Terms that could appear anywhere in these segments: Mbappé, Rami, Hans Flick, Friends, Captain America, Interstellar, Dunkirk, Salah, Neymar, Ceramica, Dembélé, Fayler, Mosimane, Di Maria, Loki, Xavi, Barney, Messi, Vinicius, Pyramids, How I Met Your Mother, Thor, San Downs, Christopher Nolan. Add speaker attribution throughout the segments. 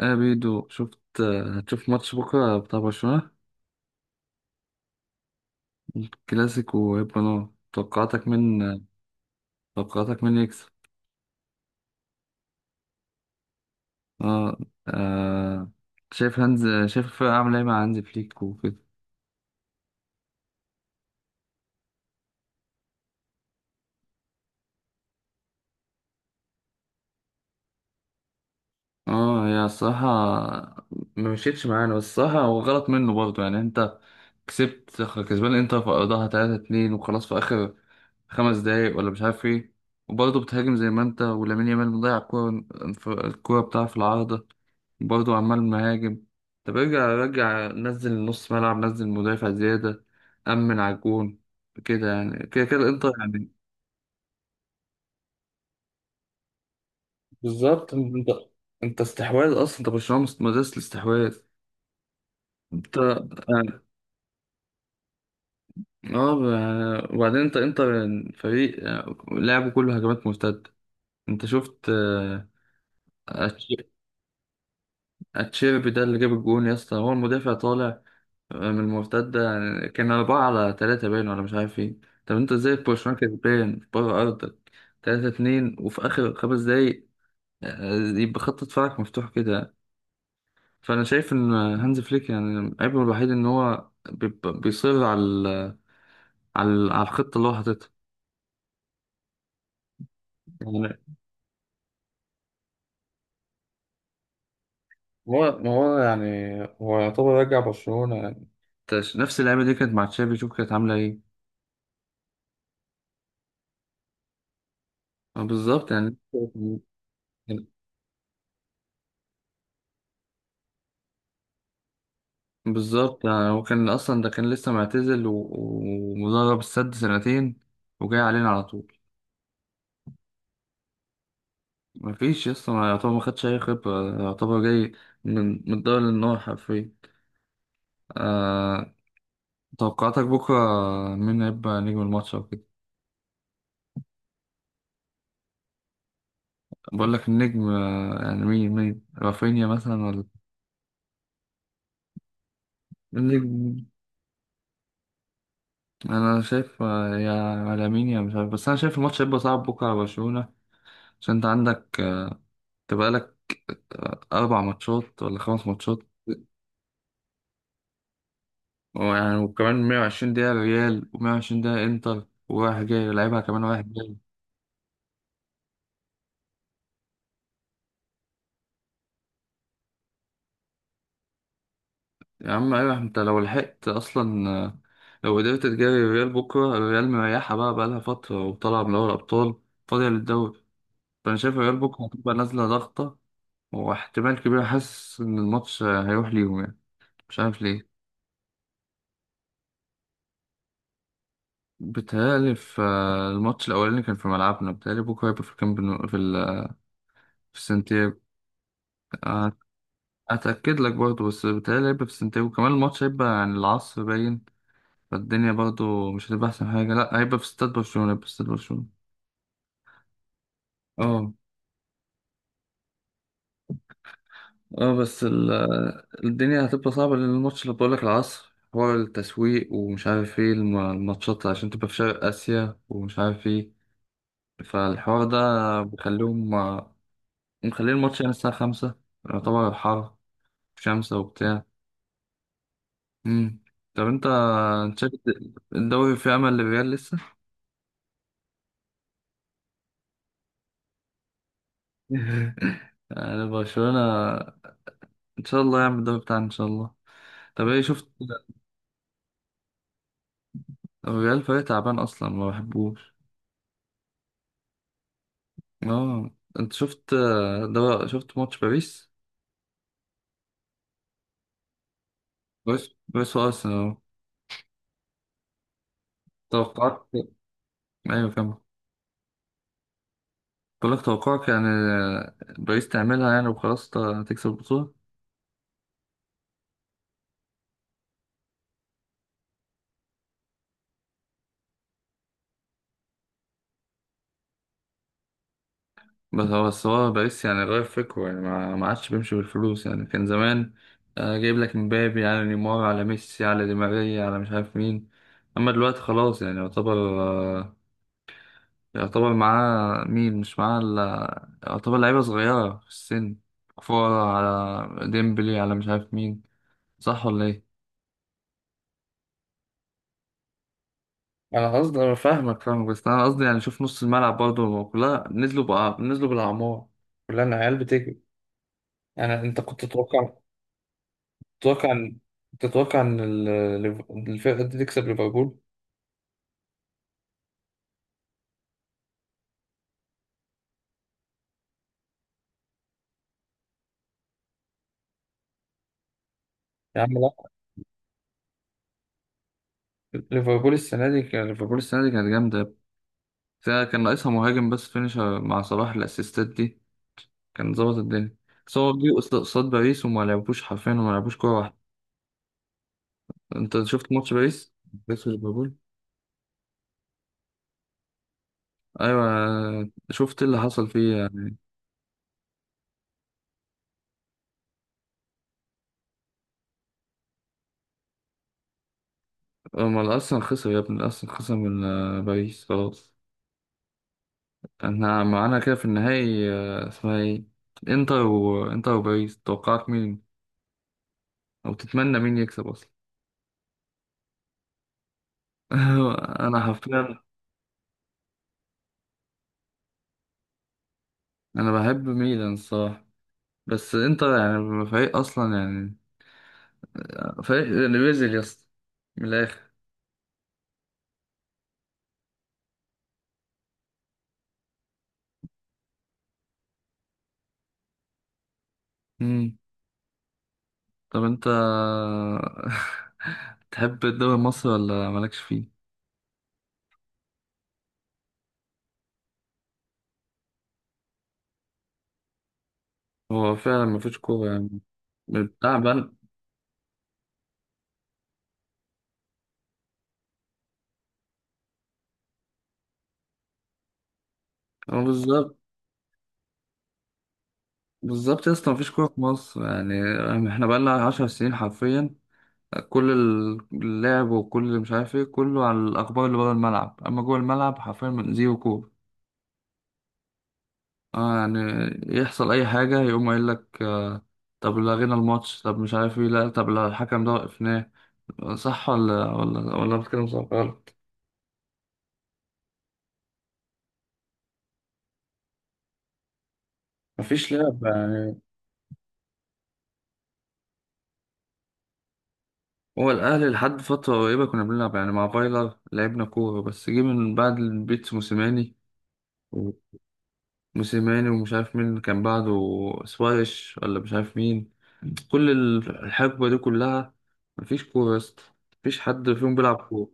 Speaker 1: آه بيدو شفت، هتشوف ماتش بكرة بتاع برشلونة، كلاسيكو وهيبقى نار. توقعاتك من يكسب؟ اه. آه. شايف الفرقة عاملة ايه مع هانز فليك وكده. اه، هي الصراحة ما مشيتش معانا، بس الصراحة هو غلط منه برضه. يعني انت كسبت، كسبان انتر في ارضها 3-2 وخلاص في اخر خمس دقايق ولا مش عارف ايه. وبرضه بتهاجم، زي ما انت ولامين يامال مضيع الكورة، الكورة بتاعه في العارضة، برضه عمال مهاجم. طب ارجع، رجع نزل نص ملعب، نزل مدافع زيادة، أمن على الجون كده يعني، كده كده انت يعني. بالظبط، انت استحواذ اصلا، انت برشلونة مدرسة الاستحواذ. انت يعني اه يعني، وبعدين انت فريق يعني لعبه كله هجمات مرتدة. انت شفت، أتش- اتشيربي ده اللي جاب الجون يا اسطى، هو المدافع طالع من المرتدة يعني، كان أربعة على تلاتة باين ولا مش عارف ايه. طب انت ازاي في برشلونة كسبان بره أرضك تلاتة اتنين وفي آخر خمس دقايق، يبقى خط دفاعك مفتوح كده. فأنا شايف إن هانز فليك يعني عيبه الوحيد إن هو بيصر على الخطة اللي هو حاططها يعني. هو ما هو يعني هو يعتبر رجع برشلونة يعني نفس اللعيبة دي كانت مع تشافي، شوف كانت عاملة ايه. آه، بالظبط يعني. بالظبط يعني، هو كان أصلا ده كان لسه معتزل ومدرب السد سنتين وجاي علينا على طول. مفيش يسطا، ما خدش أي خبرة، يعتبر جاي من الدوري للنار حرفيا. آه. توقعاتك بكرة مين هيبقى نجم الماتش أو كده؟ بقول لك النجم، آه، يعني مين رافينيا مثلا ولا؟ النجم. أنا شايف، آه، يا على مين يا، مش عارف، بس أنا شايف الماتش هيبقى صعب بكرة على برشلونة، عشان أنت عندك، تبقى لك، أربع ماتشات ولا خمس ماتشات. ويعني وكمان 120 دقيقة ريال و120 دقيقة انتر، ورايح جاي يلعبها كمان رايح جاي. يا عم، ايوه، انت لو لحقت اصلا، لو قدرت تجاري الريال بكرة. الريال مريحة بقى، بقالها فترة وطالعة من دوري الأبطال، فاضية للدوري. فأنا شايف الريال بكرة هتبقى نازلة ضغطة. واحتمال كبير حاسس إن الماتش، هيروح ليهم يعني، مش عارف ليه. بيتهيألي في، الماتش الأولاني كان في ملعبنا، بيتهيألي بكرة هيبقى في الكامب نو، في في السنتير. اتاكد لك برضه، بس بتهيألي هيبقى في سنتياجو. كمان الماتش هيبقى عن العصر باين، فالدنيا برضه مش هتبقى احسن حاجه. لا، هيبقى في استاد برشلونه، هيبقى في استاد برشلونه. اه. اه، الدنيا هتبقى صعبه، لان الماتش اللي بقولك العصر حوار التسويق ومش عارف ايه الماتشات عشان تبقى في شرق اسيا ومش عارف ايه. فالحوار ده بيخليهم مخلين الماتش يعني الساعه خمسة، يعتبر حر، شمسة وبتاع. مم. طب انت، انت شايف الدوري فيه امل للريال لسه؟ انا برشلونة، ان شاء الله يعمل الدوري بتاعنا ان شاء الله. طب ايه شفت؟ الريال فريق تعبان اصلا، ما بحبوش. اه. انت شفت، ده شفت ماتش باريس؟ باريس وارسنال أهو. توقعت. ايوه كمل. بقول لك توقعك يعني، باريس تعملها يعني وخلاص، تكسب البطولة. بس هو الرئيس يعني غير فكره يعني، ما عادش بيمشي بالفلوس يعني. كان زمان، آه، جايب لك مبابي على نيمار على ميسي على دي ماريا على مش عارف مين. اما دلوقتي خلاص يعني يعتبر، آه، يعتبر معاه مين؟ مش معاه الا يعتبر لعيبة صغيرة في السن، كفارة على ديمبلي على مش عارف مين. صح ولا ايه؟ انا قصدي، انا فاهمك فاهمك، بس انا قصدي يعني شوف نص الملعب برضه، كلها نزلوا بقى نزلوا بالاعمار، كلها العيال بتجري. يعني انت كنت تتوقع، تتوقع إن، تتوقع إن الفرقة دي تكسب ليفربول؟ يا عم لا. ليفربول السنة دي كان، ليفربول السنة دي كانت جامدة فيها. كان ناقصها مهاجم بس، فينيشر مع صلاح الأسيستات دي كان ظبط الدنيا. بس هو جه قصاد باريس وما لعبوش حرفيا، وما لعبوش كورة واحدة. أنت شفت ماتش باريس؟ باريس وليفربول؟ أيوة. شفت إيه اللي حصل فيه يعني؟ هما الأرسنال خسر يا ابني، الأرسنال خسر من، باريس خلاص. احنا معانا كده في النهائي، اسمها ايه؟ انتر، وانتر وباريس توقعت مين؟ او تتمنى مين يكسب اصلا؟ انا حرفيا. انا بحب ميلان الصراحه، بس انت يعني فريق اصلا يعني، فريق اللي بيزل يا اسطى، من الاخر. امم. طب انت، تحب الدوري المصري ولا مالكش فيه؟ هو فعلا مفيش كوره يعني. بتاع بل. هو بالظبط. بالظبط يا اسطى، مفيش كوره في مصر يعني. احنا بقالنا عشر سنين حرفيا، كل اللعب وكل مش عارف ايه، كله على الاخبار اللي بره الملعب، اما جوه الملعب حرفيا زيرو كوره. اه يعني، يحصل اي حاجة يقوم قايل لك آه، طب لغينا الماتش، طب مش عارف ايه، لا طب لا الحكم ده وقفناه، صح ولا بتكلم صح غلط. مفيش لعب يعني. هو الأهلي لحد فترة قريبة كنا بنلعب يعني، مع فايلر لعبنا كورة، بس جه من بعد البيت موسيماني. موسيماني ومش عارف مين كان بعده، سواريش ولا مش عارف مين. كل الحقبة دي كلها مفيش كورة يا اسطى، مفيش حد فيهم بيلعب كورة.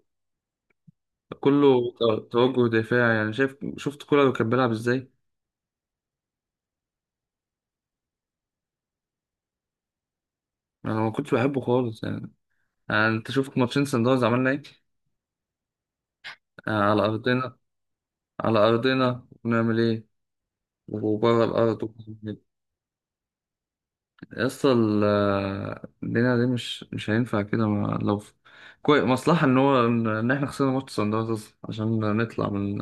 Speaker 1: كله توجه دفاعي يعني. شايف شفت كولر كان بيلعب ازاي؟ انا ما كنتش بحبه خالص يعني. يعني انت شفت ماتشين سان داونز عملنا ايه، على ارضنا؟ على ارضنا ونعمل ايه؟ وبره الارض؟ يا اسطى الدنيا دي مش هينفع كده. كويس مصلحة ان هو ان إن احنا خسرنا ماتش سان داونز أصلاً، عشان نطلع من،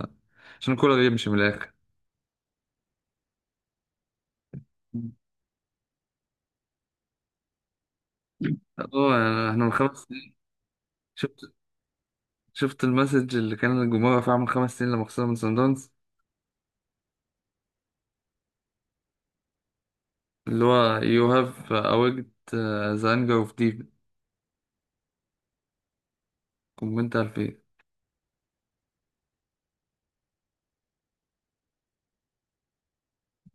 Speaker 1: عشان كولر يمشي من الاخر. اه يعني احنا من خمس سنين. شفت شفت المسج اللي كان الجمهور رافعه من خمس سنين لما خسرنا من سان داونز؟ اللي هو you have awaked, the anger of deep. كومنت 2000.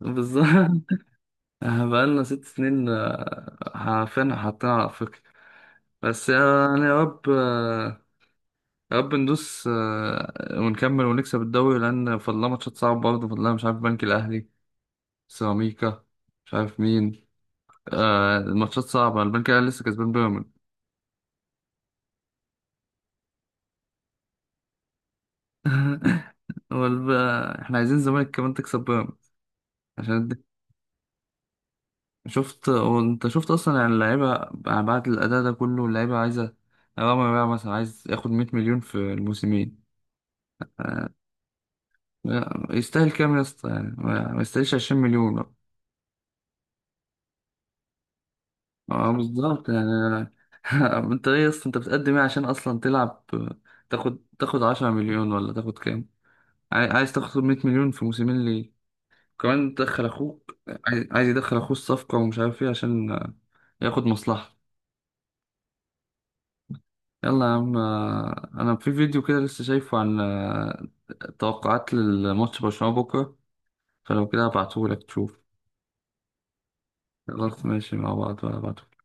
Speaker 1: بالظبط. بقالنا ست سنين، آه، عارفين حاطين على أفريقيا. بس يعني يا رب، يا رب ندوس، ونكمل ونكسب الدوري، لأن فضلنا ماتشات صعبة برضه. فضلنا مش عارف بنك الأهلي، سيراميكا، مش عارف مين. آه، الماتشات صعبة، البنك الأهلي لسه كسبان بيراميدز. والب... آه، احنا عايزين الزمالك كمان تكسب بيراميدز عشان. شفت هو انت شفت اصلا يعني اللعيبه، يعني بعد الاداء ده كله اللعيبه عايزه. رامي بقى مثلا عايز ياخد 100 مليون في الموسمين. يستاهل كام يا اسطى يعني؟ ما يستاهلش 20 مليون. اه بالظبط يعني. انت ايه يا اسطى، انت بتقدم ايه عشان اصلا تلعب؟ تاخد 10 مليون ولا تاخد كام؟ عايز تاخد 100 مليون في موسمين ليه؟ كمان تدخل اخوك. عايز يدخل اخوه الصفقه ومش عارف ايه عشان ياخد مصلحه. يلا يا عم، آه، انا في فيديو كده لسه شايفه عن، آه، توقعات للماتش برشلونة بكرة، فلو كده هبعتهولك تشوف. خلاص ماشي، مع بعض هبعتهولك.